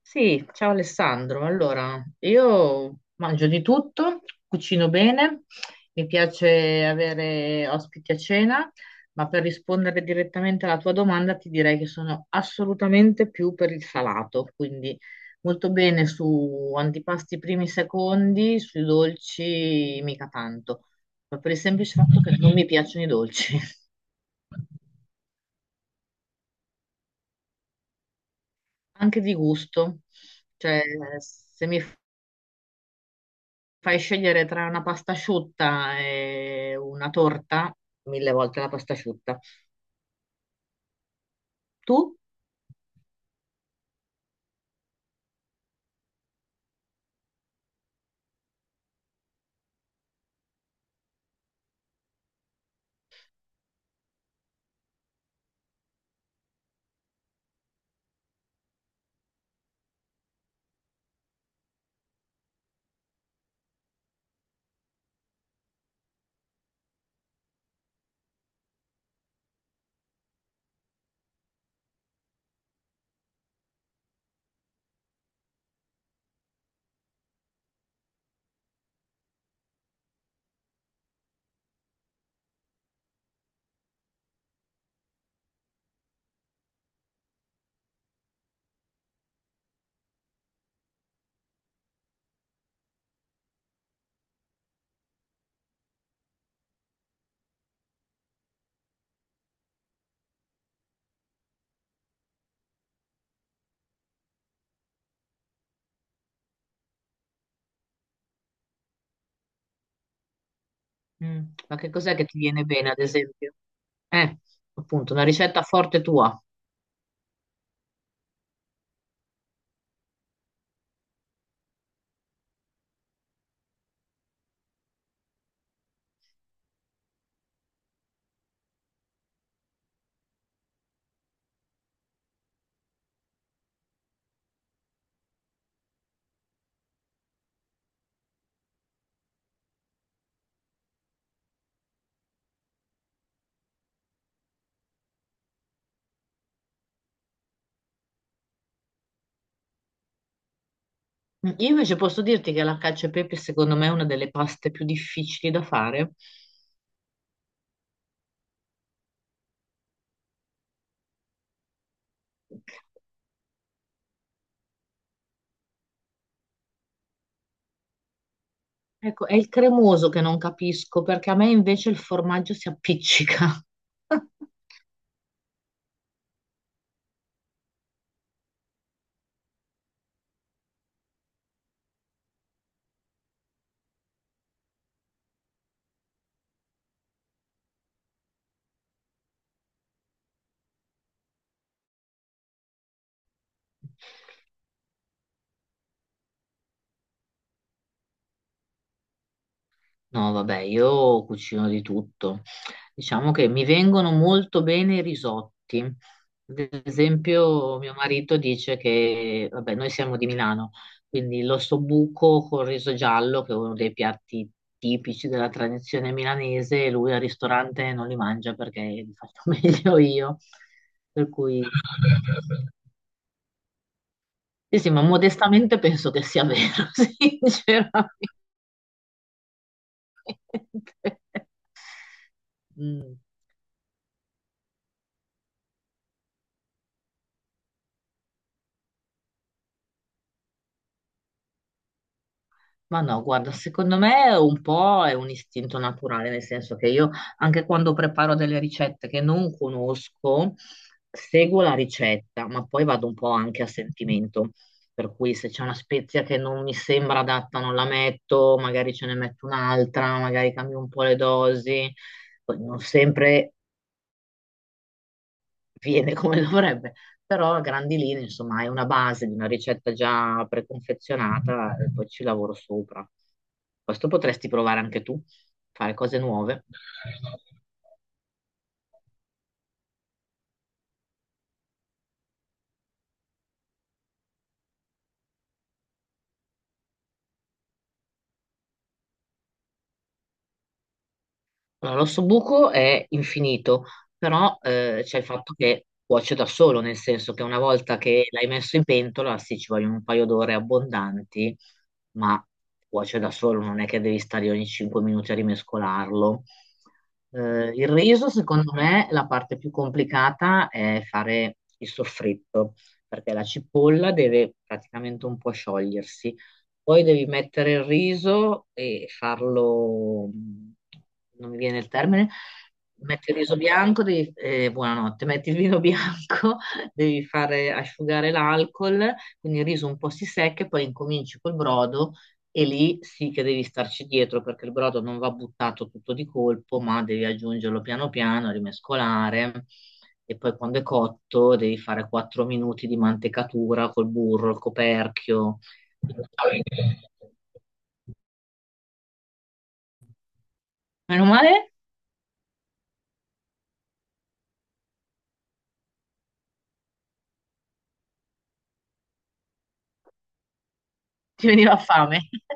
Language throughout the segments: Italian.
Sì, ciao Alessandro. Allora, io mangio di tutto, cucino bene, mi piace avere ospiti a cena, ma per rispondere direttamente alla tua domanda ti direi che sono assolutamente più per il salato, quindi molto bene su antipasti primi secondi, sui dolci mica tanto, ma per il semplice fatto che non mi piacciono i dolci, anche di gusto. Cioè, se mi fai scegliere tra una pasta asciutta e una torta, mille volte la pasta asciutta. Tu? Ma che cos'è che ti viene bene, ad esempio? Eh, appunto, una ricetta forte tua. Io invece posso dirti che la cacio e pepe, secondo me, è una delle paste più difficili da fare. Ecco, è il cremoso che non capisco, perché a me invece il formaggio si appiccica. No, vabbè, io cucino di tutto. Diciamo che mi vengono molto bene i risotti. Ad esempio, mio marito dice che, vabbè, noi siamo di Milano, quindi l'ossobuco col riso giallo, che è uno dei piatti tipici della tradizione milanese, lui al ristorante non li mangia perché li faccio meglio io. Per cui, sì, sì, ma modestamente penso che sia vero, sinceramente. Mm. Ma no, guarda, secondo me un po' è un istinto naturale, nel senso che io anche quando preparo delle ricette che non conosco, seguo la ricetta, ma poi vado un po' anche a sentimento. Per cui se c'è una spezia che non mi sembra adatta, non la metto, magari ce ne metto un'altra, magari cambio un po' le dosi. Poi non sempre viene come dovrebbe, però a grandi linee, insomma, è una base di una ricetta già preconfezionata e poi ci lavoro sopra. Questo potresti provare anche tu, fare cose nuove. Allora, l'osso buco è infinito, però c'è il fatto che cuoce da solo, nel senso che una volta che l'hai messo in pentola, sì, ci vogliono un paio d'ore abbondanti, ma cuoce da solo, non è che devi stare ogni 5 minuti a rimescolarlo. Il riso, secondo me, la parte più complicata è fare il soffritto, perché la cipolla deve praticamente un po' sciogliersi poi devi mettere il riso e farlo, non mi viene il termine, metti il riso bianco, buonanotte, metti il vino bianco, devi fare asciugare l'alcol, quindi il riso un po' si secca e poi incominci col brodo e lì sì che devi starci dietro perché il brodo non va buttato tutto di colpo, ma devi aggiungerlo piano piano, rimescolare e poi quando è cotto devi fare 4 minuti di mantecatura col burro, il coperchio. Meno male, ti veniva fame.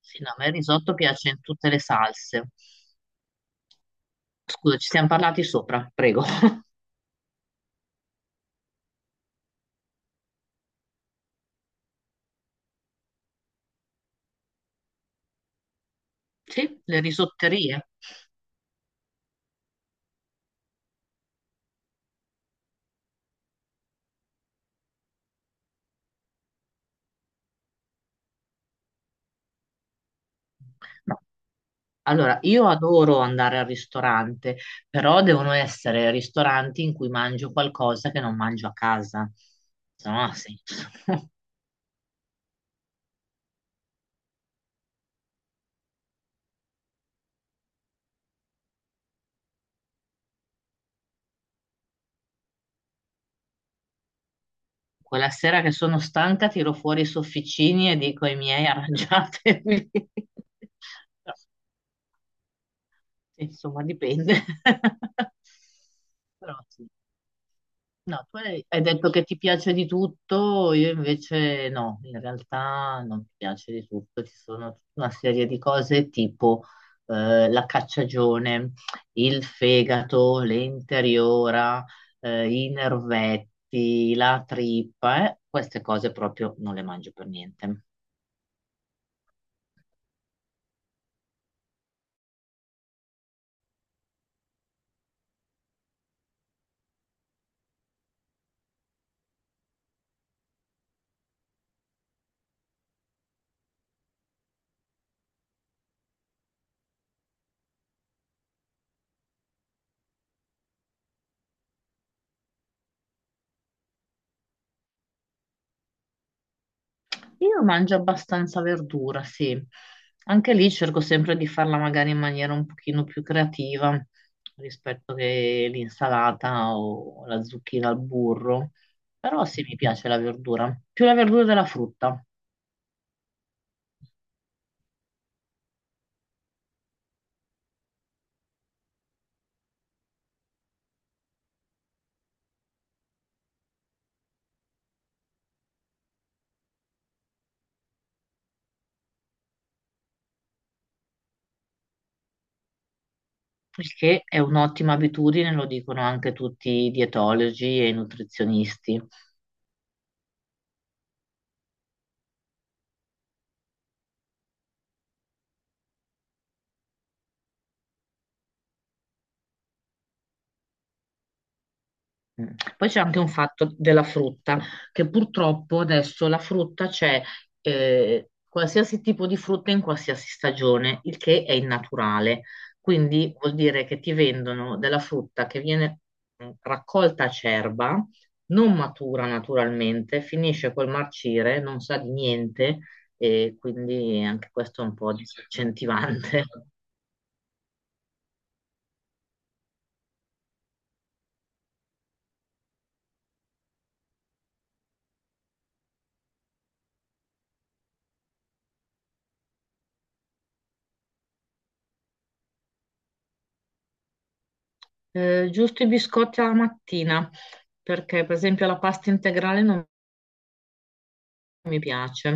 Sì, no, a me il risotto piace in tutte le salse. Scusa, ci siamo parlati sopra, prego. Sì, le risotterie. No. Allora, io adoro andare al ristorante, però devono essere ristoranti in cui mangio qualcosa che non mangio a casa. Se no, non ha senso. Quella sera che sono stanca, tiro fuori i sofficini e dico ai miei arrangiatevi. Sì, insomma, dipende. Però sì. No, tu hai detto che ti piace di tutto, io invece no, in realtà non mi piace di tutto, ci sono tutta una serie di cose tipo la cacciagione, il fegato, l'interiora, i nervetti, la trippa, queste cose proprio non le mangio per niente. Io mangio abbastanza verdura, sì. Anche lì cerco sempre di farla magari in maniera un pochino più creativa rispetto che l'insalata o la zucchina al burro. Però sì, mi piace la verdura, più la verdura della frutta, il che è un'ottima abitudine, lo dicono anche tutti i dietologi e i nutrizionisti. Mm. Poi c'è anche un fatto della frutta, che purtroppo adesso la frutta c'è qualsiasi tipo di frutta in qualsiasi stagione, il che è innaturale. Quindi vuol dire che ti vendono della frutta che viene raccolta a cerba, non matura naturalmente, finisce col marcire, non sa di niente e quindi anche questo è un po' disincentivante. Giusto i biscotti alla mattina, perché per esempio la pasta integrale non mi piace